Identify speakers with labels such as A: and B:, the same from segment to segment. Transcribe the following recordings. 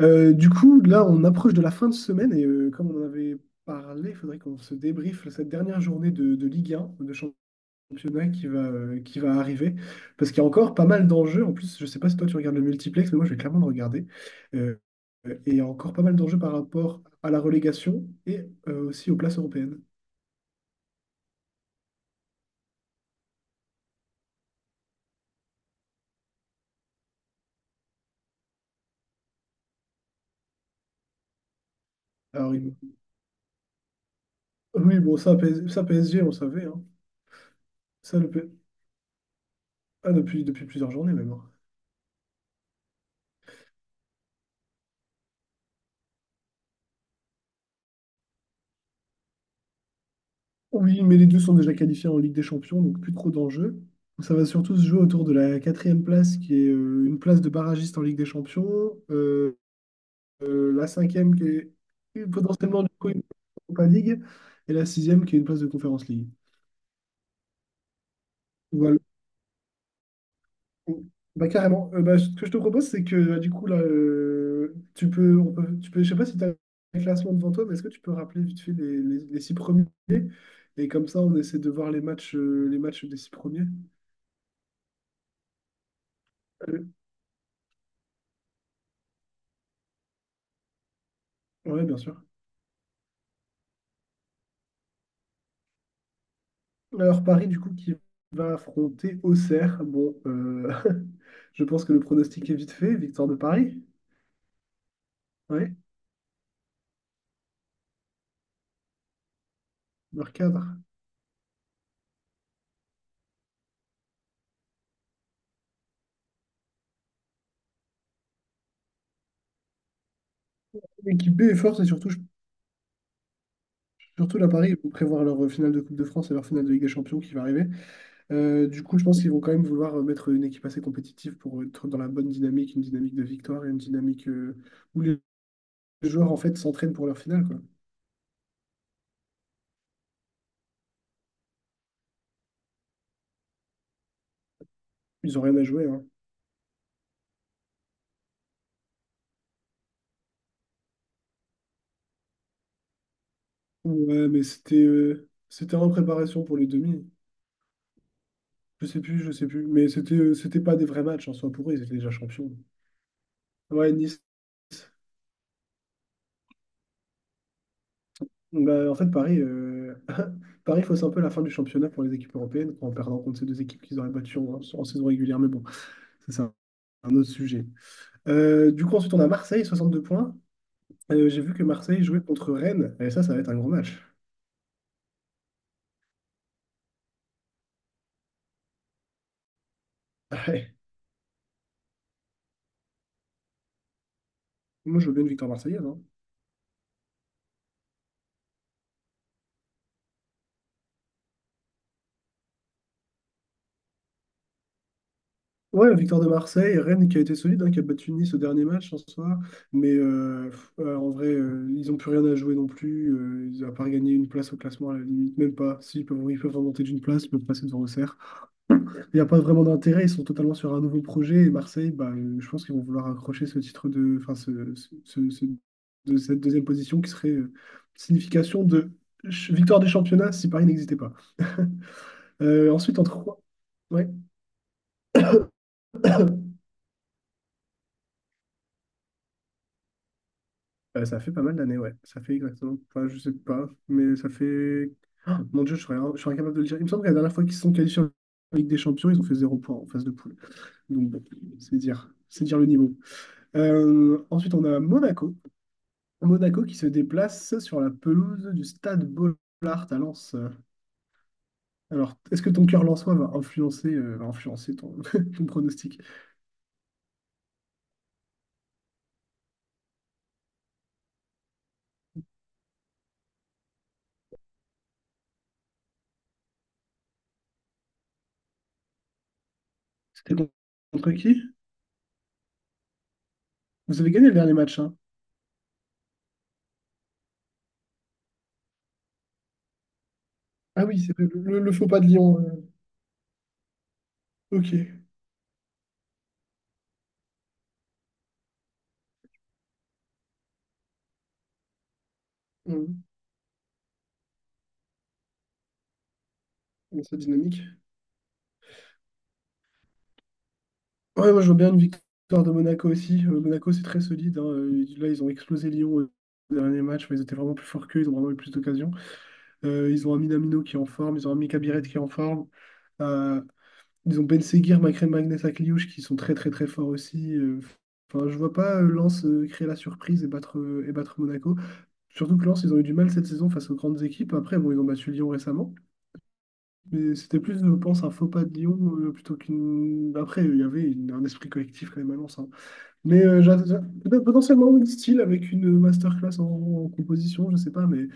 A: Du coup, là, on approche de la fin de semaine et comme on en avait parlé, il faudrait qu'on se débriefe cette dernière journée de Ligue 1, de championnat qui va arriver. Parce qu'il y a encore pas mal d'enjeux. En plus, je sais pas si toi tu regardes le multiplex, mais moi je vais clairement le regarder. Euh, et il y a encore pas mal d'enjeux par rapport à la relégation et aussi aux places européennes. Alors, il- oui, bon, ça PSG, on savait, hein. Ça, le P- ah, depuis, depuis plusieurs journées même, hein. Oui, mais les deux sont déjà qualifiés en Ligue des Champions, donc plus trop d'enjeux. Ça va surtout se jouer autour de la quatrième place, qui est une place de barragiste en Ligue des Champions, la cinquième qui est potentiellement du coup une Europa League, et la sixième qui est une place de Conference League. Voilà. Bah, carrément. Bah, ce que je te propose, c'est que bah, du coup, là, tu peux, je sais pas si tu as un classement devant toi, mais est-ce que tu peux rappeler vite fait les six premiers? Et comme ça, on essaie de voir les matchs des six premiers. Euh, ouais, bien sûr. Alors Paris, du coup, qui va affronter Auxerre. Bon, je pense que le pronostic est vite fait. Victoire de Paris. Oui, leur cadre. L'équipe B est forte et surtout, surtout la Paris, ils vont prévoir leur finale de Coupe de France et leur finale de Ligue des Champions qui va arriver. Du coup, je pense qu'ils vont quand même vouloir mettre une équipe assez compétitive pour être dans la bonne dynamique, une dynamique de victoire et une dynamique où les joueurs en fait s'entraînent pour leur finale, quoi. Ils ont rien à jouer, hein. Ouais, mais c'était en préparation pour les demi. Je sais plus, je sais plus. Mais c'était pas des vrais matchs en soi pour eux, ils étaient déjà champions. Ouais, Nice. Bah, en fait, Paris fausse un peu la fin du championnat pour les équipes européennes en perdant contre ces deux équipes qu'ils auraient battues en saison régulière. Mais bon, ça, c'est un autre sujet. Du coup, ensuite, on a Marseille, 62 points. J'ai vu que Marseille jouait contre Rennes. Et ça va être un gros match. Ouais. Moi, je veux bien une victoire marseillaise, hein. Ouais, victoire de Marseille, Rennes qui a été solide, hein, qui a battu Nice au dernier match en soi, mais en vrai, ils n'ont plus rien à jouer non plus, ils n'ont pas gagné une place au classement à la limite, même pas, ils peuvent remonter d'une place, ils peuvent passer devant Auxerre. Il n'y a pas vraiment d'intérêt, ils sont totalement sur un nouveau projet, et Marseille, bah, je pense qu'ils vont vouloir accrocher ce titre de, enfin, de cette deuxième position qui serait signification de victoire des championnats si Paris n'existait pas. Ensuite, en trois... Ouais. Ça fait pas mal d'années, ouais. Ça fait exactement. Enfin, je sais pas, mais ça fait. Ah, mon Dieu, je serais incapable de le dire. Il me semble que la dernière fois qu'ils se sont qualifiés en Ligue des Champions, ils ont fait zéro point en phase de poule. Donc, bon, c'est dire le niveau. Ensuite, on a Monaco. Monaco qui se déplace sur la pelouse du Stade Bollard à Lens. Alors, est-ce que ton cœur lensois va influencer ton, ton pronostic? C'était con- Contre qui? Vous avez gagné le dernier match, hein? Ah oui, c'est le faux pas de Lyon. Ok. Dans cette dynamique. Ouais, moi je vois bien une victoire de Monaco aussi. Monaco c'est très solide, hein. Là ils ont explosé Lyon au dernier match, mais ils étaient vraiment plus forts qu'eux, ils ont vraiment eu plus d'occasions. Ils ont un Minamino qui est en forme, ils ont un Mika Biret qui est en forme. Euh, Ils ont Ben Seguir, Makrem Magnus Akliouche qui sont très très très forts aussi. Enfin, je vois pas Lens créer la surprise et battre Monaco. Surtout que Lens, ils ont eu du mal cette saison face aux grandes équipes. Après, bon, ils ont battu Lyon récemment. Mais c'était plus, je pense, un faux pas de Lyon plutôt qu'une. Après, il y avait un esprit collectif quand même à Lens, hein. Mais peut-être potentiellement une style avec une masterclass en composition, je sais pas. Mais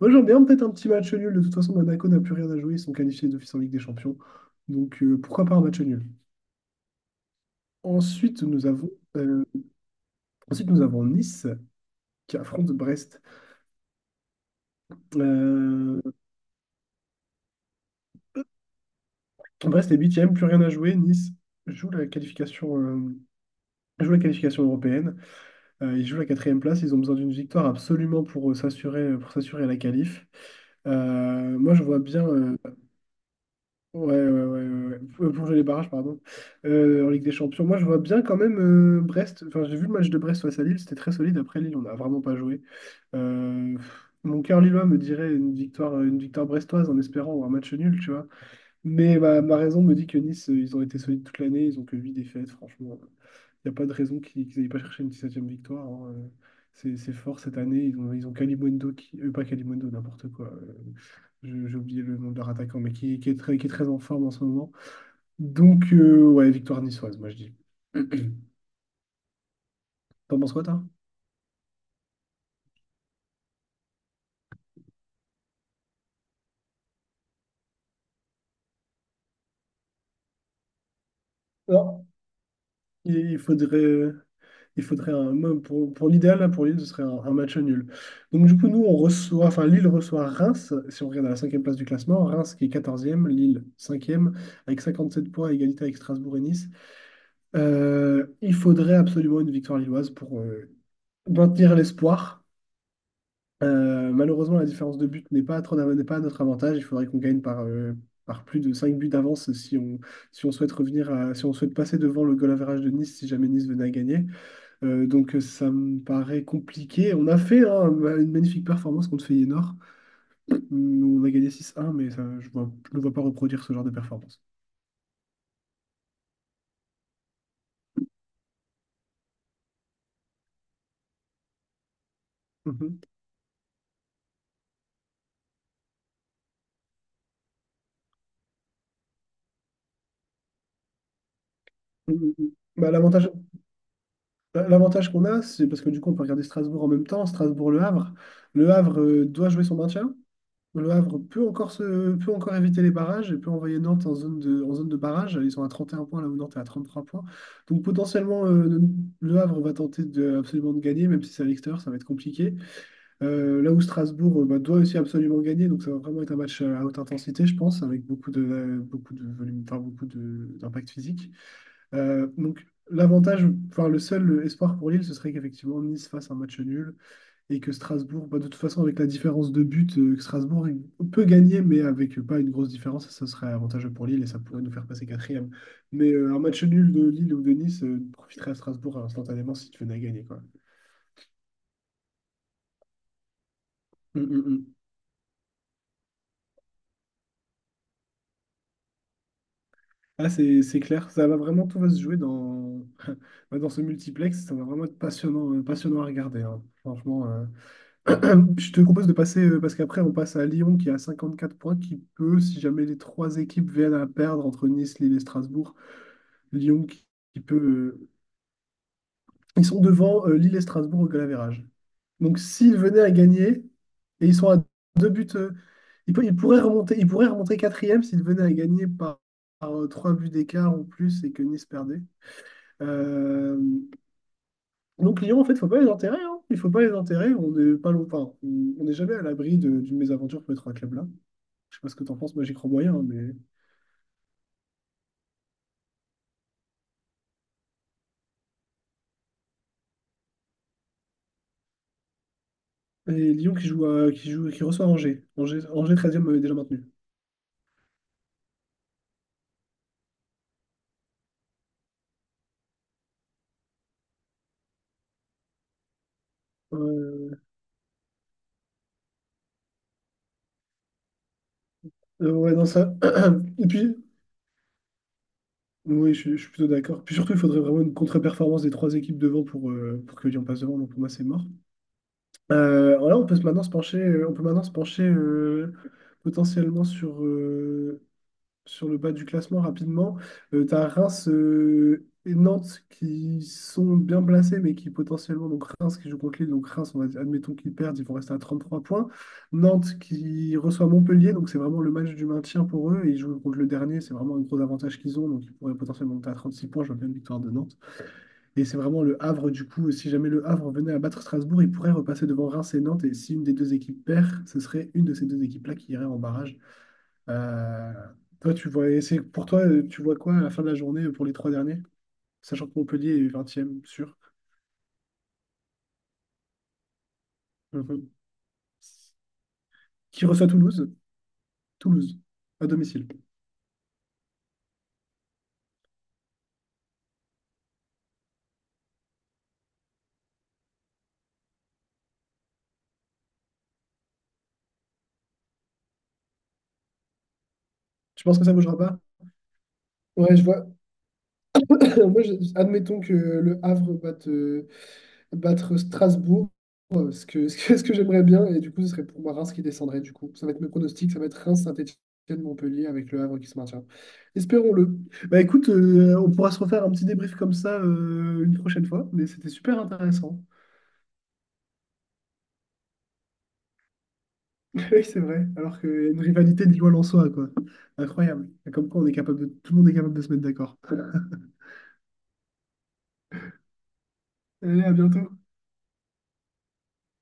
A: moi, j'aime bien peut-être un petit match nul. De toute façon, Monaco n'a plus rien à jouer. Ils sont qualifiés d'office en Ligue des Champions. Donc, pourquoi pas un match nul? Ensuite, nous avons, euh, ensuite, nous avons Nice qui affronte Brest. Euh, Brest est huitième, plus rien à jouer. Nice joue la qualification, euh, joue la qualification européenne. Ils jouent la quatrième place. Ils ont besoin d'une victoire absolument pour s'assurer la qualif. Moi, je vois bien. Ouais, ouais, ouais, ouais, ouais. Pour jouer les barrages, pardon. En Ligue des Champions, moi, je vois bien quand même Brest. Enfin, j'ai vu le match de Brest face à Lille. C'était très solide. Après Lille, on n'a vraiment pas joué. Mon cœur lillois me dirait une victoire brestoise en espérant un match nul, tu vois. Mais ma raison me dit que Nice, ils ont été solides toute l'année. Ils ont que 8 défaites, franchement. Il n'y a pas de raison qu'ils n'aillent pas chercher une 17e victoire, hein. C'est fort cette année. Ils ont Kalimundo qui. Pas Kalimundo, n'importe quoi. J'ai oublié le nom de leur attaquant, mais qui est très en forme en ce moment. Donc, ouais, victoire niçoise, moi je dis. T'en penses quoi, toi? Non. Il il faudrait, il faudrait un, moi, pour l'idéal, là, pour Lille, ce serait un match nul. Donc, du coup, nous, on reçoit, enfin, Lille reçoit Reims, si on regarde à la cinquième place du classement, Reims qui est quatorzième Lille cinquième avec 57 points, à égalité avec Strasbourg et Nice. Il faudrait absolument une victoire lilloise pour maintenir l'espoir. Malheureusement, la différence de but n'est pas à notre avantage. Il faudrait qu'on gagne par plus de 5 buts d'avance si on, si on souhaite revenir à- si on souhaite passer devant le goal average de Nice si jamais Nice venait à gagner. Donc, ça me paraît compliqué. On a fait, hein, une magnifique performance contre Feyenoord. On a gagné 6-1, mais ça, je ne vois pas reproduire ce genre de performance. Mhm. Mhm. Bah, l'avantage, Bah, l'avantage qu'on a, c'est parce que du coup, on peut regarder Strasbourg en même temps, Strasbourg-Le Havre. Le Havre doit jouer son maintien. Le Havre peut encore éviter les barrages et peut envoyer Nantes en zone de barrage. Ils sont à 31 points là où Nantes est à 33 points. Donc potentiellement, le Havre va tenter absolument de gagner, même si c'est à l'extérieur, ça va être compliqué. Là où Strasbourg bah, doit aussi absolument gagner, donc ça va vraiment être un match à haute intensité, je pense, avec beaucoup de volume, enfin, d'impact physique. Donc, l'avantage, enfin, le seul espoir pour Lille, ce serait qu'effectivement Nice fasse un match nul et que Strasbourg, bah, de toute façon, avec la différence de but, que Strasbourg il peut gagner, mais avec pas une grosse différence, ça serait avantageux pour Lille et ça pourrait nous faire passer quatrième. Mais un match nul de Lille ou de Nice profiterait à Strasbourg instantanément si tu venais à gagner, quoi. Hum, hum, hum. Ah, c'est clair, tout va se jouer bah, dans ce multiplex, ça va vraiment être passionnant à regarder, hein. Franchement. Je te propose de passer, parce qu'après on passe à Lyon qui a 54 points, qui peut, si jamais les trois équipes viennent à perdre entre Nice, Lille et Strasbourg, Lyon qui, qui peut... euh, Ils sont devant Lille et Strasbourg au goal average. Donc s'ils venaient à gagner, et ils sont à deux buts, ils pourraient remonter quatrième s'ils venaient à gagner trois buts d'écart ou plus et que Nice perdait. Euh, donc Lyon, en fait, il ne faut pas les enterrer, hein. Il ne faut pas les enterrer. On n'est pas loin- Enfin, on n'est jamais à l'abri d'une mésaventure pour les trois clubs-là. Je sais pas ce que t'en penses, moi j'y crois moyen, hein, mais. Et Lyon qui joue à- qui joue, qui reçoit Angers. Angers 13 m'avait déjà maintenu. Euh, ouais, non, ça. Et puis, oui, je suis plutôt d'accord. Puis surtout, il faudrait vraiment une contre-performance des trois équipes devant pour que Lyon passe devant. Donc pour moi, c'est mort. Voilà, on peut maintenant se pencher potentiellement sur le bas du classement rapidement. Tu Reims et Nantes qui sont bien placés, mais qui potentiellement, donc Reims qui joue contre Lille, donc Reims, admettons qu'ils perdent, ils vont rester à 33 points. Nantes qui reçoit Montpellier, donc c'est vraiment le match du maintien pour eux, et ils jouent contre le dernier, c'est vraiment un gros avantage qu'ils ont, donc ils pourraient potentiellement monter à 36 points, je vois bien une victoire de Nantes. Et c'est vraiment le Havre, du coup, si jamais le Havre venait à battre Strasbourg, il pourrait repasser devant Reims et Nantes, et si une des deux équipes perd, ce serait une de ces deux équipes-là qui irait en barrage. Euh, Toi, tu vois quoi à la fin de la journée pour les trois derniers, sachant que Montpellier est 20 sûr. Euh, Qui reçoit Toulouse? Toulouse, à domicile. Tu penses que ça bougera pas? Ouais, je vois. Admettons que le Havre battre Strasbourg, ce que, ce que j'aimerais bien. Et du coup, ce serait pour moi Reims qui descendrait. Du coup, ça va être mes pronostics. Ça va être Reims, Saint-Étienne, Montpellier avec le Havre qui se maintient. Espérons-le. Bah écoute, on pourra se refaire un petit débrief comme ça une prochaine fois. Mais c'était super intéressant. Oui, c'est vrai. Alors qu'il y a une rivalité lillois-lensois, quoi. Incroyable. Comme quoi, on est capable de... tout le monde est capable de se mettre d'accord. Allez, à bientôt.